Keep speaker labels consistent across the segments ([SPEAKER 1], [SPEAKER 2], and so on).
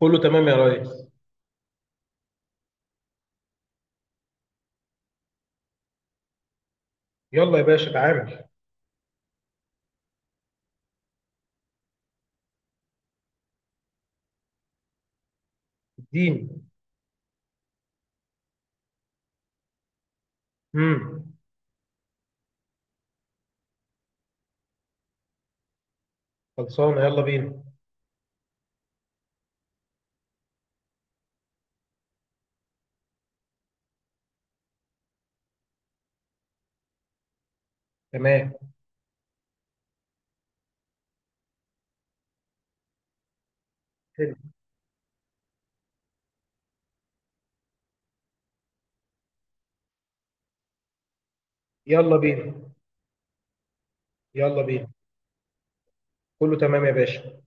[SPEAKER 1] كله تمام يا ريس. يلا يا باشا تعامل. اديني. امم خلصانه، يلا بينا. تمام. حلو، يلا بينا. يلا بينا. كله تمام يا باشا.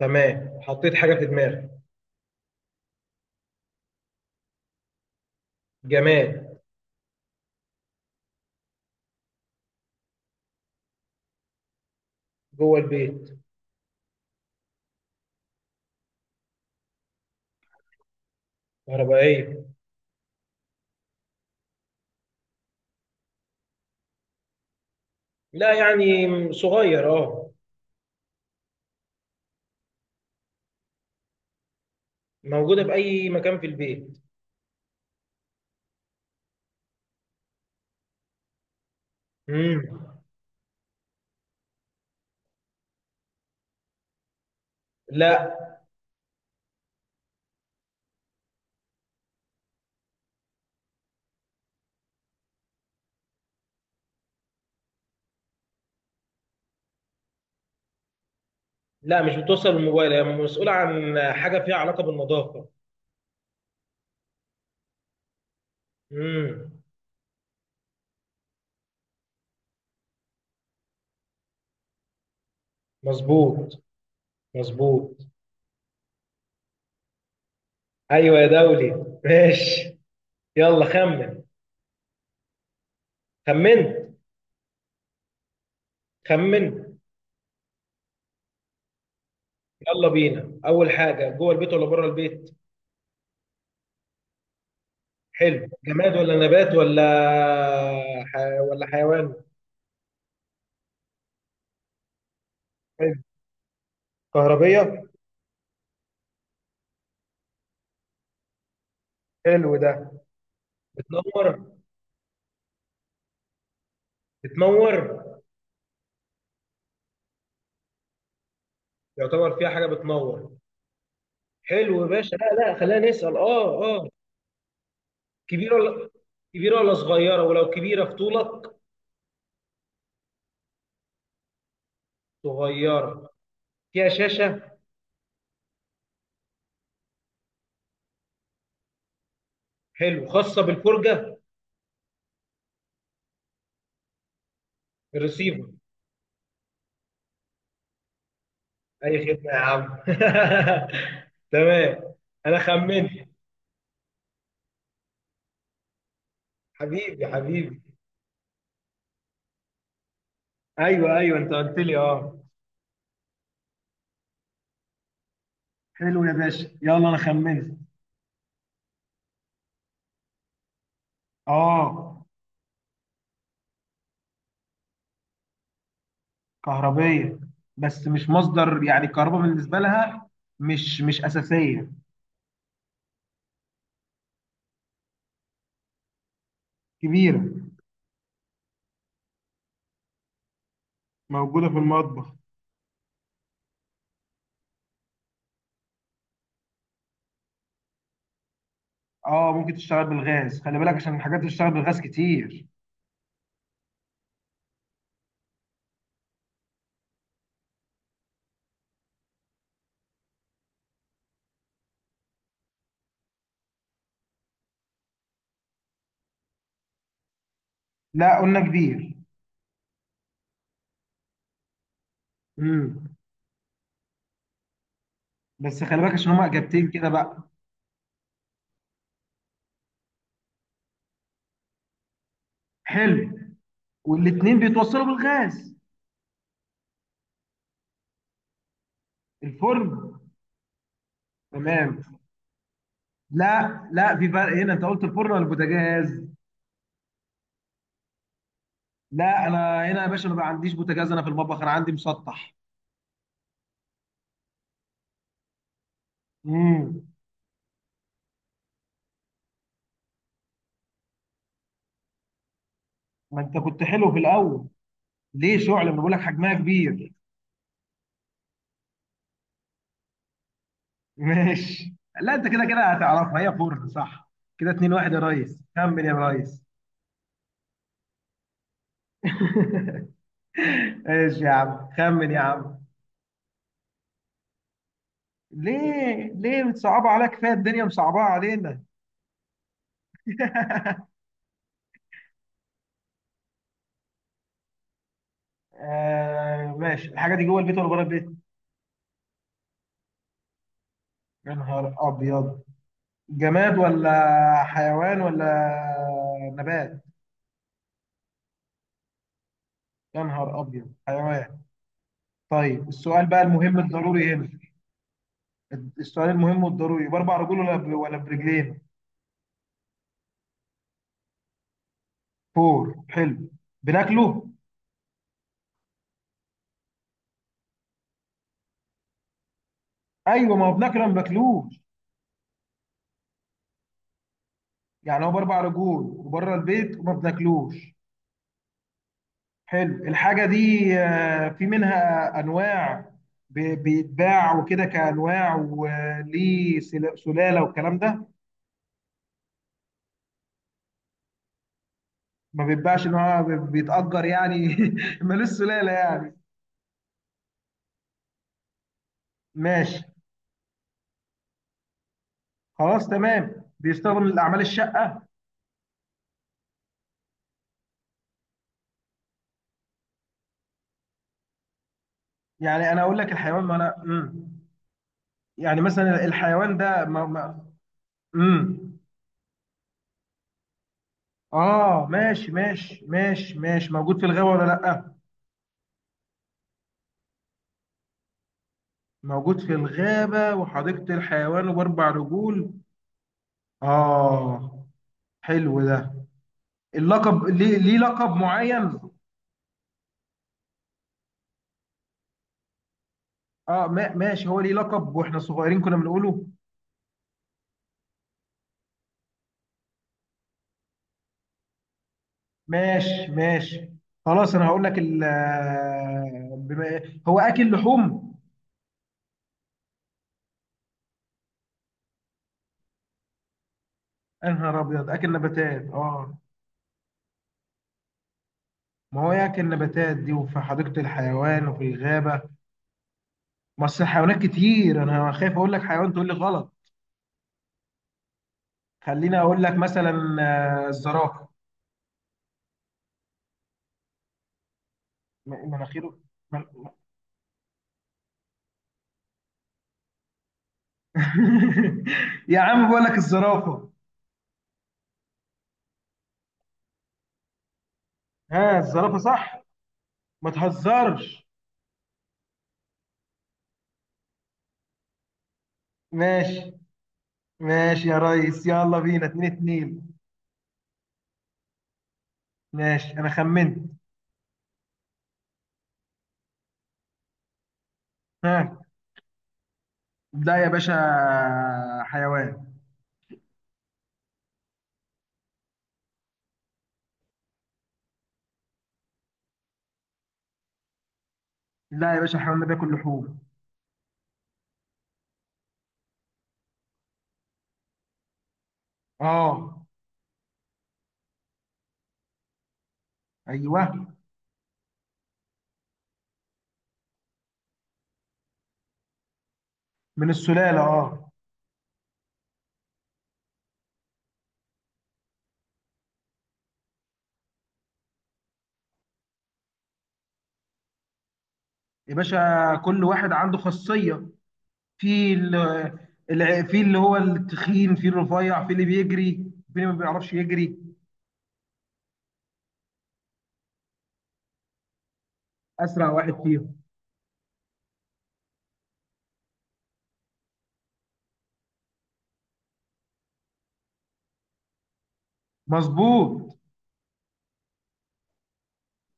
[SPEAKER 1] تمام، حطيت حاجه في دماغي. جماد. جوه البيت. كهربائيه. لا، يعني صغير اه. موجوده في اي مكان في البيت. امم لا، مش بتوصل الموبايل، هي مسؤوله عن حاجه فيها علاقه بالنظافه. امم مظبوط. مظبوط. ايوه يا دولي. ماشي. يلا خمن. خمنت. خمن. يلا بينا، اول حاجه جوه البيت ولا بره البيت؟ حلو، جماد ولا نبات ولا ح... ولا حيوان؟ حلو. كهربيه. حلو ده. بتنور؟ بتنور؟ يعتبر فيها حاجه بتنور. حلو يا باشا. لا لا، خلينا نسال اه اه. كبيره ولا صغيره؟ ولو كبيره في طولك؟ صغيره. فيها شاشه. حلو، خاصه بالفرجه. الريسيفر. اي خدمه يا عم. تمام. انا خمنت. حبيبي حبيبي. ايوه ايوه انت قلت لي اه. حلو يا باشا، يلا انا خمنت. اه كهربيه، بس مش مصدر يعني الكهرباء بالنسبه لها، مش اساسيه. كبيره. موجوده في المطبخ. اه ممكن تشتغل بالغاز، خلي بالك عشان الحاجات اللي بتشتغل بالغاز كتير. لا قلنا كبير. امم بس خلي بالك عشان هما اجابتين كده بقى. حلو. والاتنين بيتوصلوا بالغاز. الفرن. تمام. لا لا، في فرق هنا، انت قلت الفرن ولا البوتاجاز؟ لا انا هنا يا باشا، انا ما عنديش بوتاجاز، انا في المطبخ انا عندي مسطح. امم ما انت كنت حلو في الاول، ليه شعل؟ ما بقول لك حجمها كبير. ماشي. لا، انت كده كده هتعرفها، هي فرن صح. كده اتنين واحد يا ريس. خمن يا ريس. ايش يا عم، خمن يا عم. ليه؟ ليه متصعبة عليك؟ كفاية الدنيا مصعبة علينا. آه ماشي. الحاجة دي جوه البيت ولا بره البيت؟ يا نهار ابيض. جماد ولا حيوان ولا نبات؟ يا نهار ابيض حيوان. طيب السؤال بقى المهم الضروري هنا، السؤال المهم والضروري، باربع رجول ولا ولا برجلين؟ فور، حلو. بناكله؟ ايوه، ما هو بناكله ما بناكلوش. يعني هو باربع رجول وبره البيت وما بناكلوش. حلو. الحاجه دي في منها انواع، بيتباع وكده كانواع، وليه سلاله والكلام ده؟ ما بيتباعش، ان هو بيتأجر يعني؟ ملوش سلالة يعني؟ ماشي. خلاص تمام، بيستخدم لأعمال الشقة؟ يعني انا اقول لك الحيوان، ما انا يعني مثلا الحيوان ده ما مم. اه ماشي ماشي ماشي ماشي، موجود في الغابة ولا لأ. موجود في الغابة وحديقة الحيوان وباربع رجول. اه. حلو ده. اللقب ليه؟ ليه لقب معين؟ اه ماشي، هو ليه لقب واحنا صغيرين كنا بنقوله؟ ماشي ماشي. خلاص انا هقول لك ال آه، بما هو اكل لحوم؟ يا نهار ابيض، اكل نباتات اه. ما هو ياكل نباتات دي وفي حديقة الحيوان وفي الغابة. ما اصل الحيوانات كتير انا خايف اقول لك حيوان تقول لي غلط. خليني اقول لك مثلا الزرافة. مناخيره؟ من- يا عم بقول لك الزرافة. ها، الزرافة صح. ما تهزرش. ماشي ماشي يا ريس، يلا بينا اتنين اتنين. ماشي انا خمنت. ها. لا يا باشا. حيوان. لا يا باشا، الحيوان ده بياكل لحوم. اه. ايوه. من السلاله اه. يا باشا كل واحد عنده خاصيه، في ال- في اللي هو التخين، في الرفيع، في اللي بيجري، في اللي ما بيعرفش يجري. اسرع واحد فيهم. مظبوط.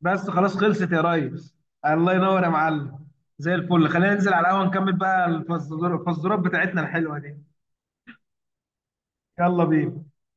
[SPEAKER 1] بس خلاص، خلصت يا ريس. الله ينور يا معلم. زي الفل، خلينا ننزل على القهوه نكمل بقى الفزورات، الفزورات بتاعتنا الحلوه دي. يلا بينا.